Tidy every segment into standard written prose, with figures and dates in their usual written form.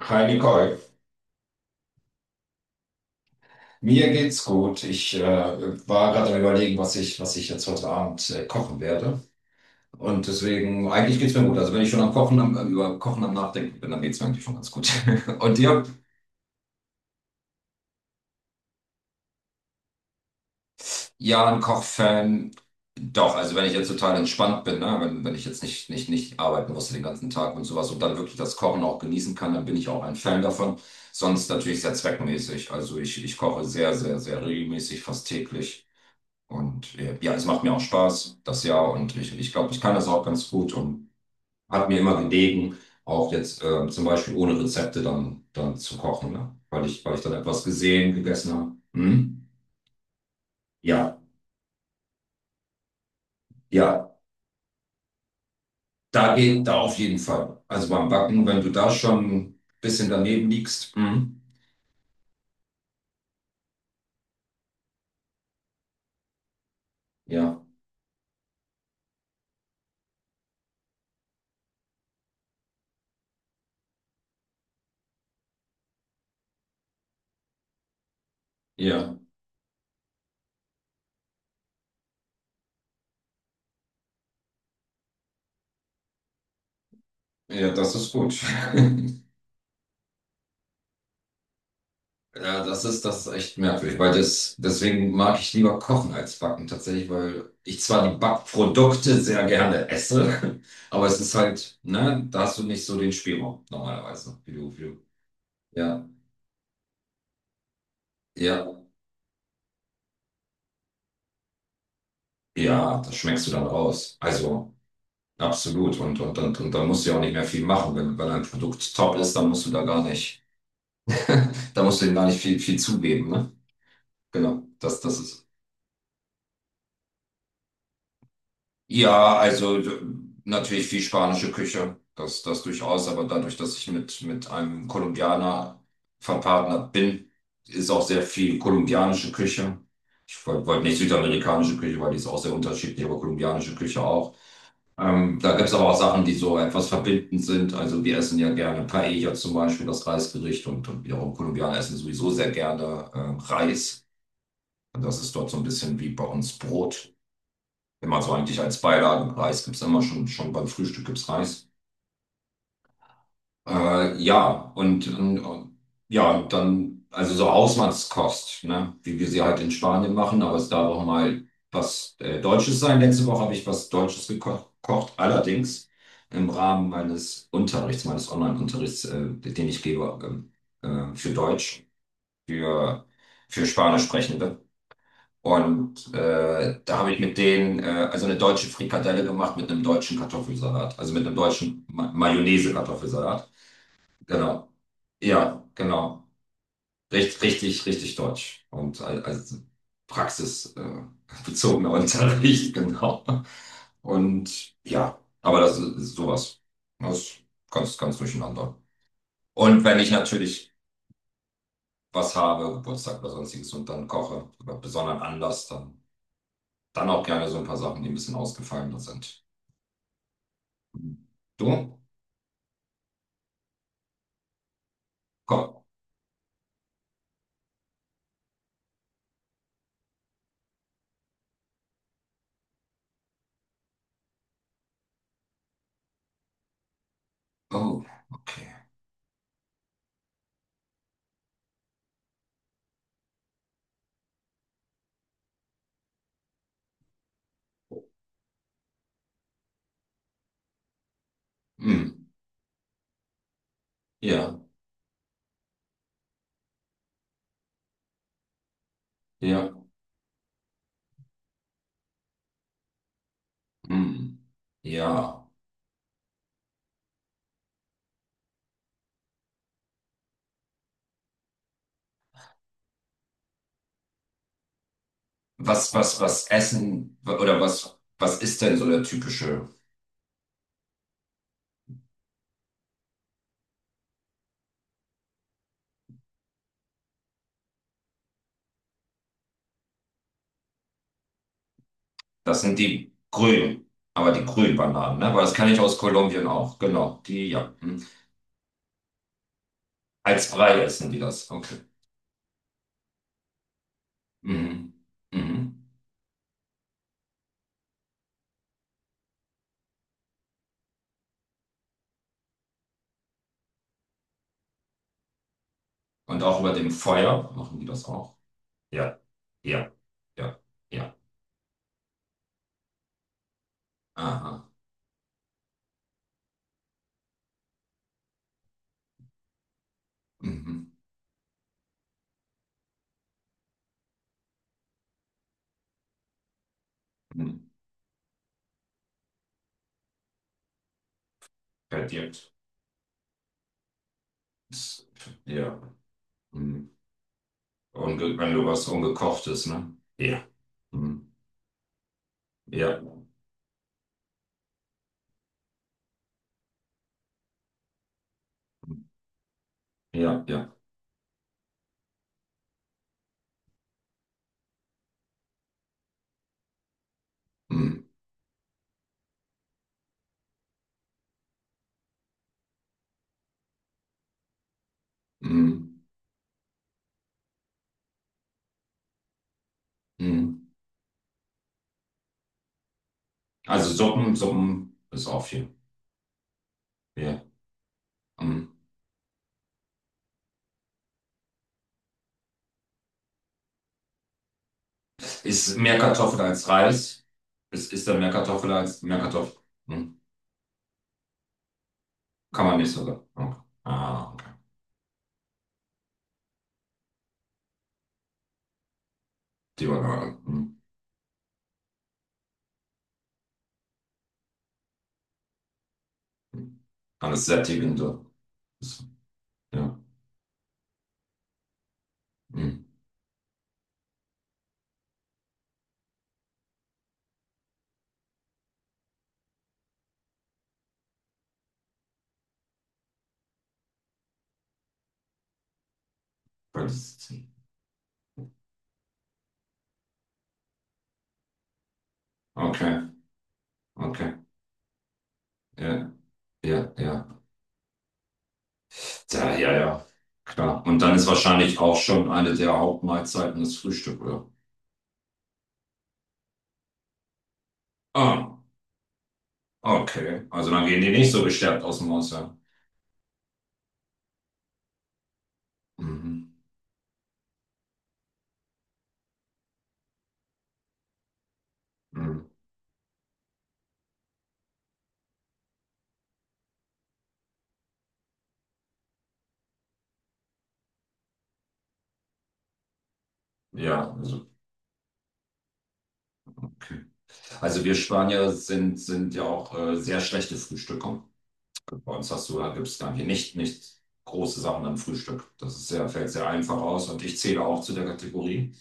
Hi Nicole, mir geht's gut. Ich war gerade am Überlegen, was ich jetzt heute Abend kochen werde. Und deswegen, eigentlich geht's mir gut. Also wenn ich schon am Kochen, über Kochen am Nachdenken bin, dann geht's mir eigentlich schon ganz gut. Und dir? Ja, ein Kochfan. Doch, also wenn ich jetzt total entspannt bin, ne? Wenn ich jetzt nicht arbeiten musste den ganzen Tag und sowas und dann wirklich das Kochen auch genießen kann, dann bin ich auch ein Fan davon. Sonst natürlich sehr zweckmäßig. Also ich koche sehr, sehr, sehr regelmäßig, fast täglich. Und ja, es macht mir auch Spaß, das Jahr. Und ich glaube, ich kann das auch ganz gut und hat mir immer gelegen, auch jetzt zum Beispiel ohne Rezepte dann zu kochen, ne? Weil ich dann etwas gesehen, gegessen habe. Hm? Ja, ja, da geht da auf jeden Fall. Also beim Backen, wenn du da schon ein bisschen daneben liegst, hm? Ja, ja, ja, das ist gut. Ja, das ist echt merkwürdig, deswegen mag ich lieber kochen als backen tatsächlich, weil ich zwar die Backprodukte sehr gerne esse, aber es ist halt, ne, da hast du nicht so den Spielraum normalerweise, wie du, wie du. Ja, ja, ja, das schmeckst du dann raus. Also, absolut. Und dann musst du ja auch nicht mehr viel machen. Wenn ein Produkt top ist, dann musst du da gar nicht, da musst du ihm gar nicht viel, viel zugeben, ne? Genau, das ist. Ja, also natürlich viel spanische Küche, das durchaus, aber dadurch, dass ich mit einem Kolumbianer verpartnert bin, ist auch sehr viel kolumbianische Küche. Ich wollt nicht südamerikanische Küche, weil die ist auch sehr unterschiedlich, aber kolumbianische Küche auch. Da gibt es aber auch Sachen, die so etwas verbindend sind. Also wir essen ja gerne Paella zum Beispiel, das Reisgericht, und wiederum Kolumbianer essen sowieso sehr gerne Reis. Und das ist dort so ein bisschen wie bei uns Brot. Immer so eigentlich als Beilagen. Reis gibt's immer schon beim Frühstück gibt's Reis. Ja, und ja, dann, also so Hausmannskost, ne? Wie wir sie halt in Spanien machen, aber es darf auch mal was Deutsches sein. Letzte Woche habe ich was Deutsches gekocht, allerdings im Rahmen meines Unterrichts, meines Online-Unterrichts, den ich gebe, für Deutsch, für, für Spanisch sprechende. Und da habe ich mit denen also eine deutsche Frikadelle gemacht mit einem deutschen Kartoffelsalat, also mit einem deutschen Ma Mayonnaise-Kartoffelsalat. Genau. Ja, genau. Richtig, richtig, richtig deutsch. Und also praxisbezogener bezogener Unterricht, genau. Und ja, aber das ist sowas. Das ist ganz, ganz durcheinander. Und wenn ich natürlich was habe, Geburtstag oder sonstiges und dann koche, oder besonderen Anlass, dann. Dann auch gerne so ein paar Sachen, die ein bisschen ausgefallener sind. Du? Komm. Oh, okay. Hm. Ja, ja. Hm. Ja. Was essen oder was ist denn so der typische? Das sind die grünen, aber die grünen Bananen, ne? Aber das kann ich aus Kolumbien auch. Genau, die, ja. Hm. Als Brei essen die das. Okay. Mhm. Mhm. Und auch über dem Feuer machen die das auch. Ja, ja, ja, ja. Aha. Mhm. Mhm. halt Ist- Ja. Hm. Unge wenn du was Ungekochtes, ne? Ja. Hm. Ja. Ja, ja. Hm. Hm. Hm. Also Suppen ist auch viel. Ja. Hm. Ist mehr Kartoffel als Reis? Ist da mehr Kartoffel als mehr Kartoffel? Hm. Kann man nicht sogar. Okay. Ah, okay. Die Banane. Hm. Hm. Alles sättigend, so. Ja. Hm. Weil das- Okay, okay. Ja, ja, ja. Ja, ja, ja, klar. Und dann ist wahrscheinlich auch schon eine der Hauptmahlzeiten das Frühstück, oder? Ah, okay. Also dann gehen die nicht so gestärkt aus dem Haus, ja. Mhm. Mhm. Ja, also wir Spanier sind ja auch sehr schlechte Frühstücker. Bei uns hast du, da gibt es gar nicht große Sachen am Frühstück. Das ist sehr, fällt sehr einfach aus und ich zähle auch zu der Kategorie.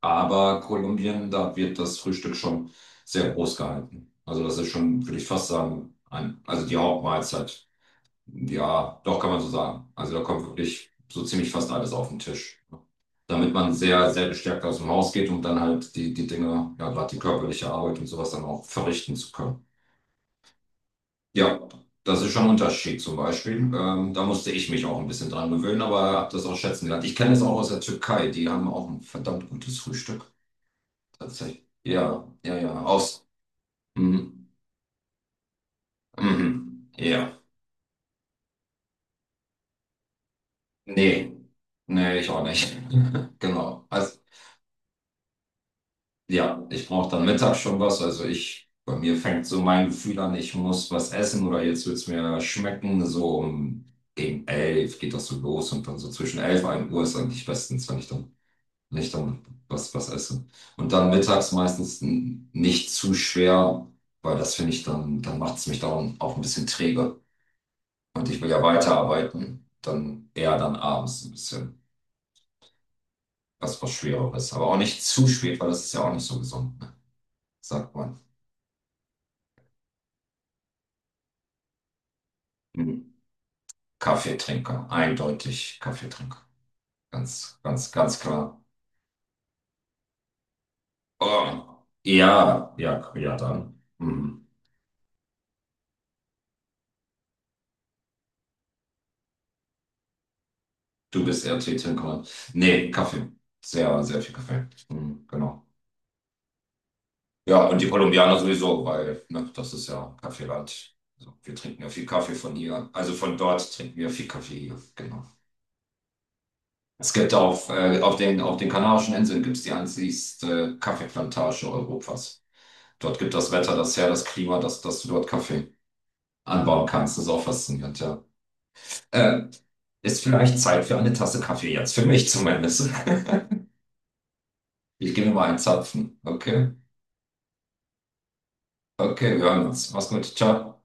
Aber Kolumbien, da wird das Frühstück schon sehr groß gehalten. Also das ist schon, würde ich fast sagen, ein, also die Hauptmahlzeit. Ja, doch kann man so sagen. Also da kommt wirklich so ziemlich fast alles auf den Tisch. Damit man sehr, sehr gestärkt aus dem Haus geht, um dann halt die Dinge, ja, gerade die körperliche Arbeit und sowas dann auch verrichten zu können. Ja, das ist schon ein Unterschied zum Beispiel. Da musste ich mich auch ein bisschen dran gewöhnen, aber habe das auch schätzen gelernt. Ich kenne es auch aus der Türkei. Die haben auch ein verdammt gutes Frühstück. Tatsächlich. Ja, ja, ja. Aus. Mhm. Mhm. Ja. Nee. Nee, ich auch nicht. Genau. Also, ja, ich brauche dann mittags schon was. Also bei mir fängt so mein Gefühl an, ich muss was essen oder jetzt wird's mir schmecken. So um gegen 11 geht das so los und dann so zwischen 11 und 1 Uhr ist eigentlich bestens, wenn ich dann was esse. Und dann mittags meistens nicht zu schwer, weil das finde ich dann macht's mich dann auch ein bisschen träge. Und ich will ja weiterarbeiten. Dann eher dann abends ein bisschen was Schwereres. Aber auch nicht zu spät, weil das ist ja auch nicht so gesund, ne? Sagt man. Kaffeetrinker, eindeutig Kaffeetrinker. Ganz, ganz, ganz klar. Oh, ja, ja, ja, dann. Mhm. Du bist eher Teetrinker. Nee, Kaffee. Sehr, sehr viel Kaffee. Mhm, genau. Ja, und die Kolumbianer sowieso, weil, ne, das ist ja Kaffeeland. Also, wir trinken ja viel Kaffee von hier. Also von dort trinken wir viel Kaffee hier. Genau. Es gibt auf den, Kanarischen Inseln gibt's die einzigste Kaffeeplantage Europas. Dort gibt das Wetter das her, das Klima, das dort Kaffee anbauen kannst. Das ist auch faszinierend, ja. Äh, ist vielleicht Zeit für eine Tasse Kaffee jetzt, für mich zumindest. Ich gehe mir mal einen Zapfen. Okay, okay, wir hören uns. Mach's gut, ciao.